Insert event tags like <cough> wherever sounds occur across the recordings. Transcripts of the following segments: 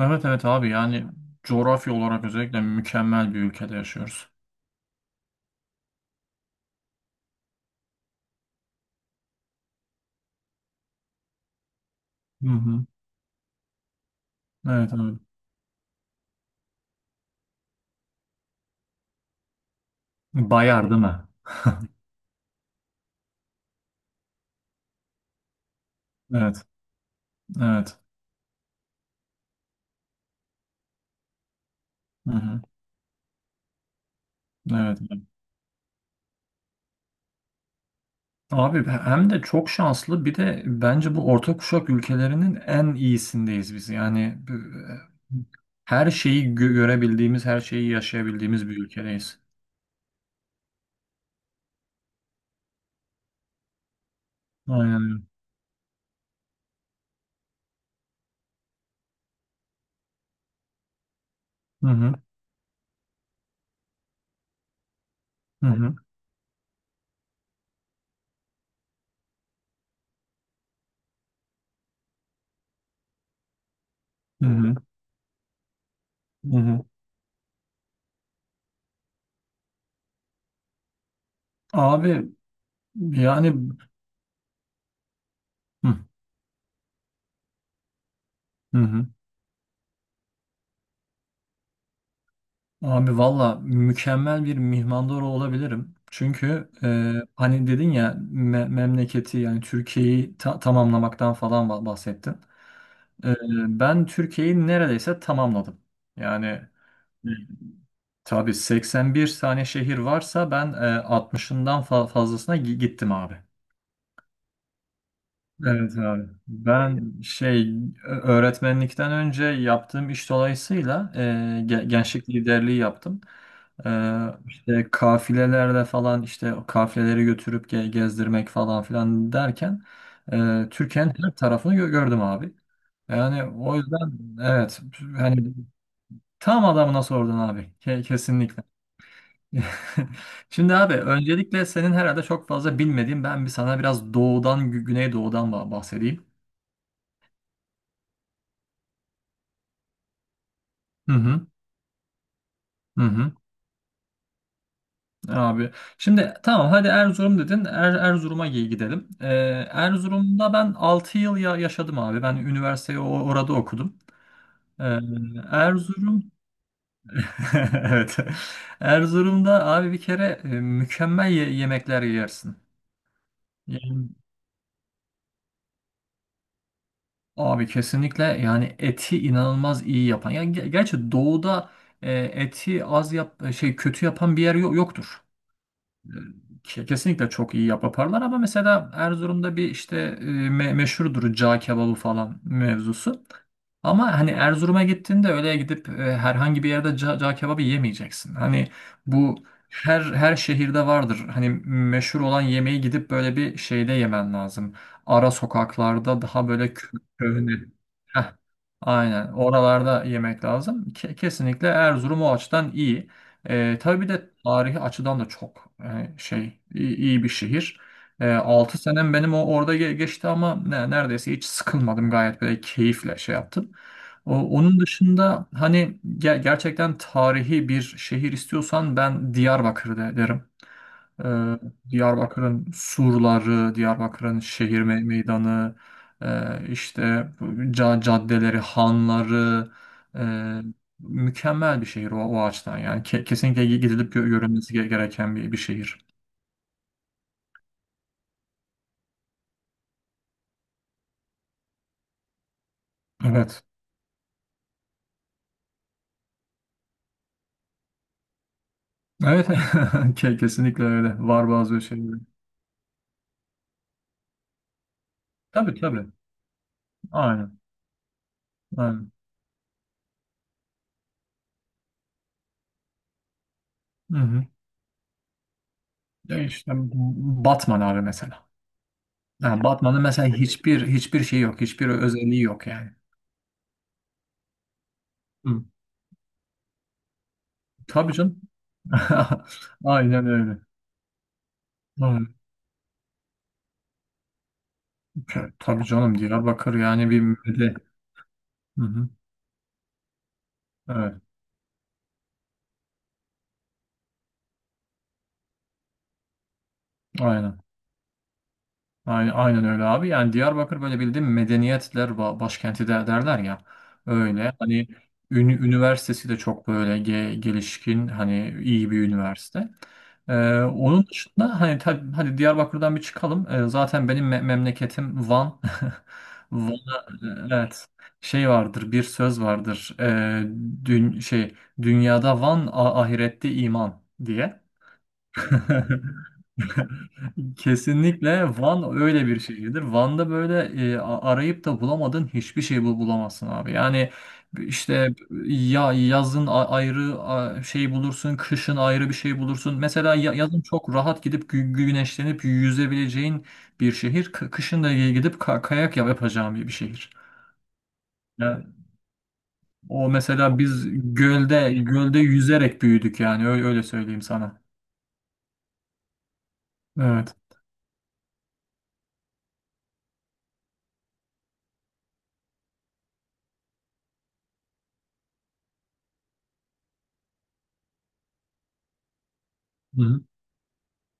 Evet, evet abi, yani coğrafya olarak özellikle mükemmel bir ülkede yaşıyoruz. Hı hı. Evet abi. Bayar değil mi? Evet. Evet. Hı hı. Evet. Evet. Abi hem de çok şanslı, bir de bence bu orta kuşak ülkelerinin en iyisindeyiz biz. Yani e, her şeyi görebildiğimiz, her şeyi yaşayabildiğimiz bir ülkedeyiz. Aynen öyle. Hı hı. Hı hı. Hı hı. Hı hı. Abi yani, hı hı. Abi valla mükemmel bir mihmandar olabilirim. Çünkü hani dedin ya, memleketi yani Türkiye'yi tamamlamaktan falan bahsettin. E, Ben Türkiye'yi neredeyse tamamladım. Yani e, tabii 81 tane şehir varsa, ben 60'ından fazlasına gittim abi. Evet abi. Ben şey, öğretmenlikten önce yaptığım iş dolayısıyla gençlik liderliği yaptım. E, işte kafilelerle falan, işte o kafileleri götürüp gezdirmek falan filan derken Türkiye'nin her tarafını gördüm abi. Yani o yüzden evet, hani tam adamına sordun abi. Kesinlikle. <laughs> Şimdi abi, öncelikle senin herhalde çok fazla bilmediğin, ben bir sana biraz doğudan, güneydoğudan bahsedeyim. Hı hı. Hı hı, abi. Şimdi tamam, hadi Erzurum dedin. Erzurum'a gidelim. Erzurum'da ben 6 yıl yaşadım abi. Ben üniversiteyi orada okudum. Ee, Erzurum <laughs> evet. Erzurum'da abi, bir kere mükemmel yemekler yersin. Yani abi, kesinlikle, yani eti inanılmaz iyi yapan, yani gerçi doğuda eti az yap şey, kötü yapan bir yer yoktur. Kesinlikle çok iyi yaparlar ama mesela Erzurum'da bir işte, meşhurdur cağ kebabı falan mevzusu. Ama hani Erzurum'a gittiğinde öyle gidip herhangi bir yerde cağ kebabı yemeyeceksin. Hani bu her şehirde vardır. Hani meşhur olan yemeği gidip böyle bir şeyde yemen lazım. Ara sokaklarda, daha böyle köhne. Heh, aynen. Oralarda yemek lazım. Kesinlikle Erzurum o açıdan iyi. Tabii bir de tarihi açıdan da çok iyi bir şehir. 6 senem benim orada geçti ama neredeyse hiç sıkılmadım, gayet böyle keyifle şey yaptım. O- Onun dışında hani gerçekten tarihi bir şehir istiyorsan, ben Diyarbakır derim. Ee, Diyarbakır'ın surları, Diyarbakır'ın şehir meydanı, işte caddeleri, hanları, e, mükemmel bir şehir o açıdan. Yani kesinlikle gidilip görülmesi gereken bir şehir. Evet. Evet. <laughs> Kesinlikle öyle. Var bazı şeyler. Tabii, tabii. Aynen. Aynen. Hı hı. Ya işte Batman abi, mesela. Yani Batman'ın mesela hiçbir şey yok, hiçbir özelliği yok yani. Hı. Tabii canım. <laughs> Aynen öyle. Aynen. Tabii canım, Diyarbakır yani bir müde. Hı hı. Evet. Aynen. Aynen, aynen öyle abi. Yani Diyarbakır böyle, bildiğin, medeniyetler başkenti de derler ya. Öyle. Hani üniversitesi de çok böyle gelişkin, hani iyi bir üniversite. Ee, Onun dışında, hani tabii hadi Diyarbakır'dan bir çıkalım. Zaten benim memleketim Van. <laughs> Van'a, evet. Şey vardır, bir söz vardır. Dün şey Dünyada Van, ahirette iman diye. <laughs> Kesinlikle Van öyle bir şehirdir. Van'da böyle, arayıp da bulamadığın hiçbir şey bulamazsın abi. Yani işte yazın ayrı şey bulursun, kışın ayrı bir şey bulursun. Mesela yazın çok rahat gidip güneşlenip yüzebileceğin bir şehir, kışın da gidip kayak yapacağın bir şehir. Yani o, mesela biz gölde gölde yüzerek büyüdük yani, öyle, öyle söyleyeyim sana. Evet. Hı hı.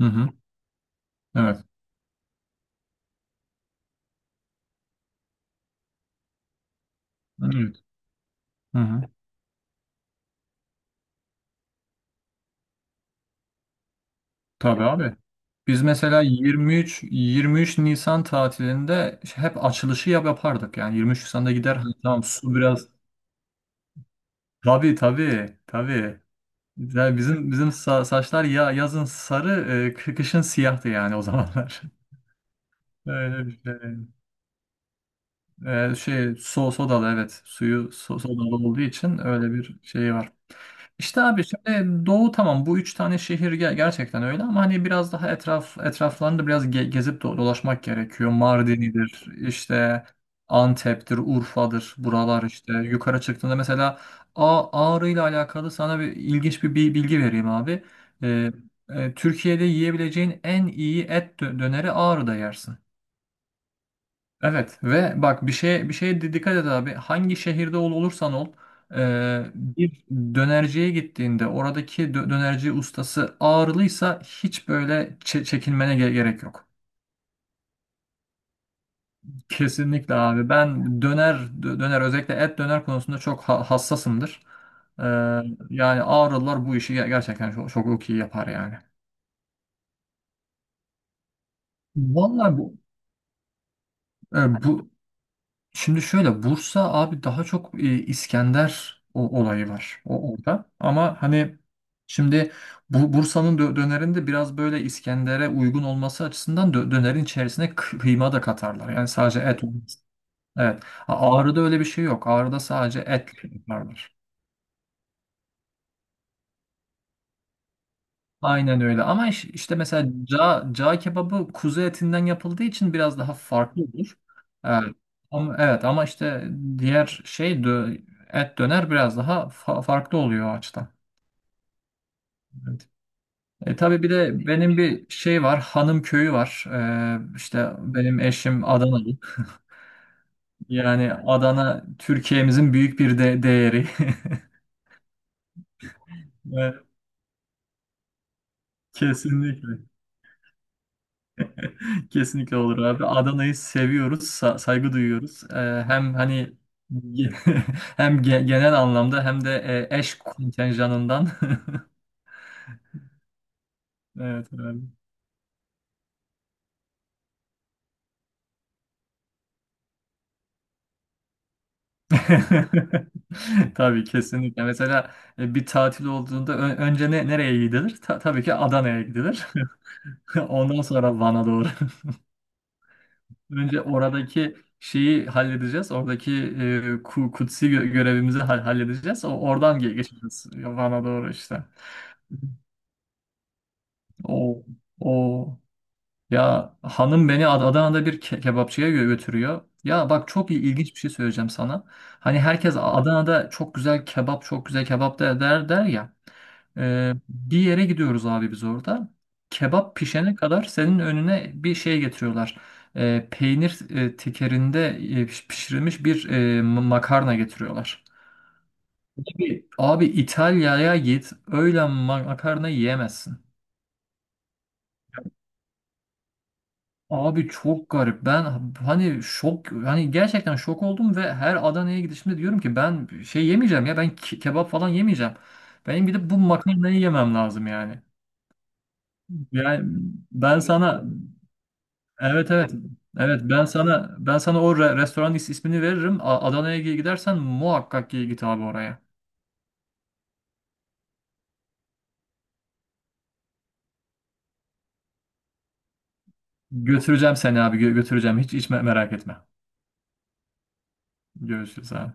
Hı hı. Evet. Evet. Hı hı. Tabii abi. Biz mesela 23 Nisan tatilinde hep açılışı yapardık. Yani 23 Nisan'da gider, hani tamam su biraz, tabii, tabii, tabii. Yani bizim saçlar yazın sarı, kışın siyahtı yani o zamanlar. <laughs> Öyle bir şey. Sodalı, evet. Suyu sodalı olduğu için öyle bir şey var. İşte abi, şimdi doğu, tamam, bu üç tane şehir gerçekten öyle, ama hani biraz daha etraflarında biraz gezip dolaşmak gerekiyor. Mardin'idir işte, Antep'tir, Urfa'dır buralar. İşte yukarı çıktığında mesela, Ağrı ile alakalı sana bir ilginç bilgi vereyim abi. Ee, Türkiye'de yiyebileceğin en iyi et döneri Ağrı'da yersin. Evet, ve bak bir şeye dikkat et abi. Hangi şehirde olursan ol, bir dönerciye gittiğinde oradaki dönerci ustası ağırlıysa hiç böyle çekinmene gerek yok. Kesinlikle abi. Ben döner, özellikle et döner konusunda çok hassasımdır. E, Yani ağırlılar bu işi gerçekten çok, çok iyi yapar yani. Vallahi bu e, bu Şimdi şöyle, Bursa abi daha çok İskender olayı var orada. Ama hani şimdi, bu Bursa'nın dönerinde biraz böyle İskender'e uygun olması açısından dönerin içerisine kıyma da katarlar. Yani sadece et olmaz. Evet. Ağrı'da öyle bir şey yok. Ağrı'da sadece et yaparlar. Aynen öyle. Ama işte mesela cağ kebabı kuzu etinden yapıldığı için biraz daha farklı olur. Ee, ama işte, diğer şey dö- et döner biraz daha farklı oluyor o açıdan. Evet. Tabii bir de benim bir şey var, hanım köyü var. İşte benim eşim Adanalı. Yani Adana, Türkiye'mizin büyük bir de değeri. <laughs> Evet, kesinlikle. Kesinlikle olur abi. Adana'yı seviyoruz, saygı duyuyoruz. Hem hani <laughs> hem genel anlamda, hem de eş kontenjanından. <laughs> Evet abi. <laughs> Tabii, kesinlikle. Mesela bir tatil olduğunda önce nereye gidilir? Tabii ki Adana'ya gidilir. <laughs> Ondan sonra Van'a doğru. <laughs> Önce oradaki şeyi halledeceğiz. Oradaki kutsi görevimizi halledeceğiz. Oradan geçeceğiz Van'a doğru işte. O, o ya hanım beni Adana'da bir kebapçıya götürüyor. Ya bak, çok ilginç bir şey söyleyeceğim sana. Hani herkes Adana'da çok güzel kebap, çok güzel kebap der ya. Bir yere gidiyoruz abi biz orada. Kebap pişene kadar senin önüne bir şey getiriyorlar. Peynir tekerinde pişirilmiş bir makarna getiriyorlar. Abi, abi İtalya'ya git, öyle makarna yiyemezsin. Abi çok garip. Ben hani hani gerçekten şok oldum, ve her Adana'ya gidişimde diyorum ki, ben şey yemeyeceğim ya, ben kebap falan yemeyeceğim. Benim gidip bu makarnayı yemem lazım yani. Yani ben sana, evet, evet, evet, ben sana o restoran ismini veririm. Adana'ya gidersen muhakkak ki git abi oraya. Götüreceğim seni abi, götüreceğim. Hiç hiç merak etme. Görüşürüz abi.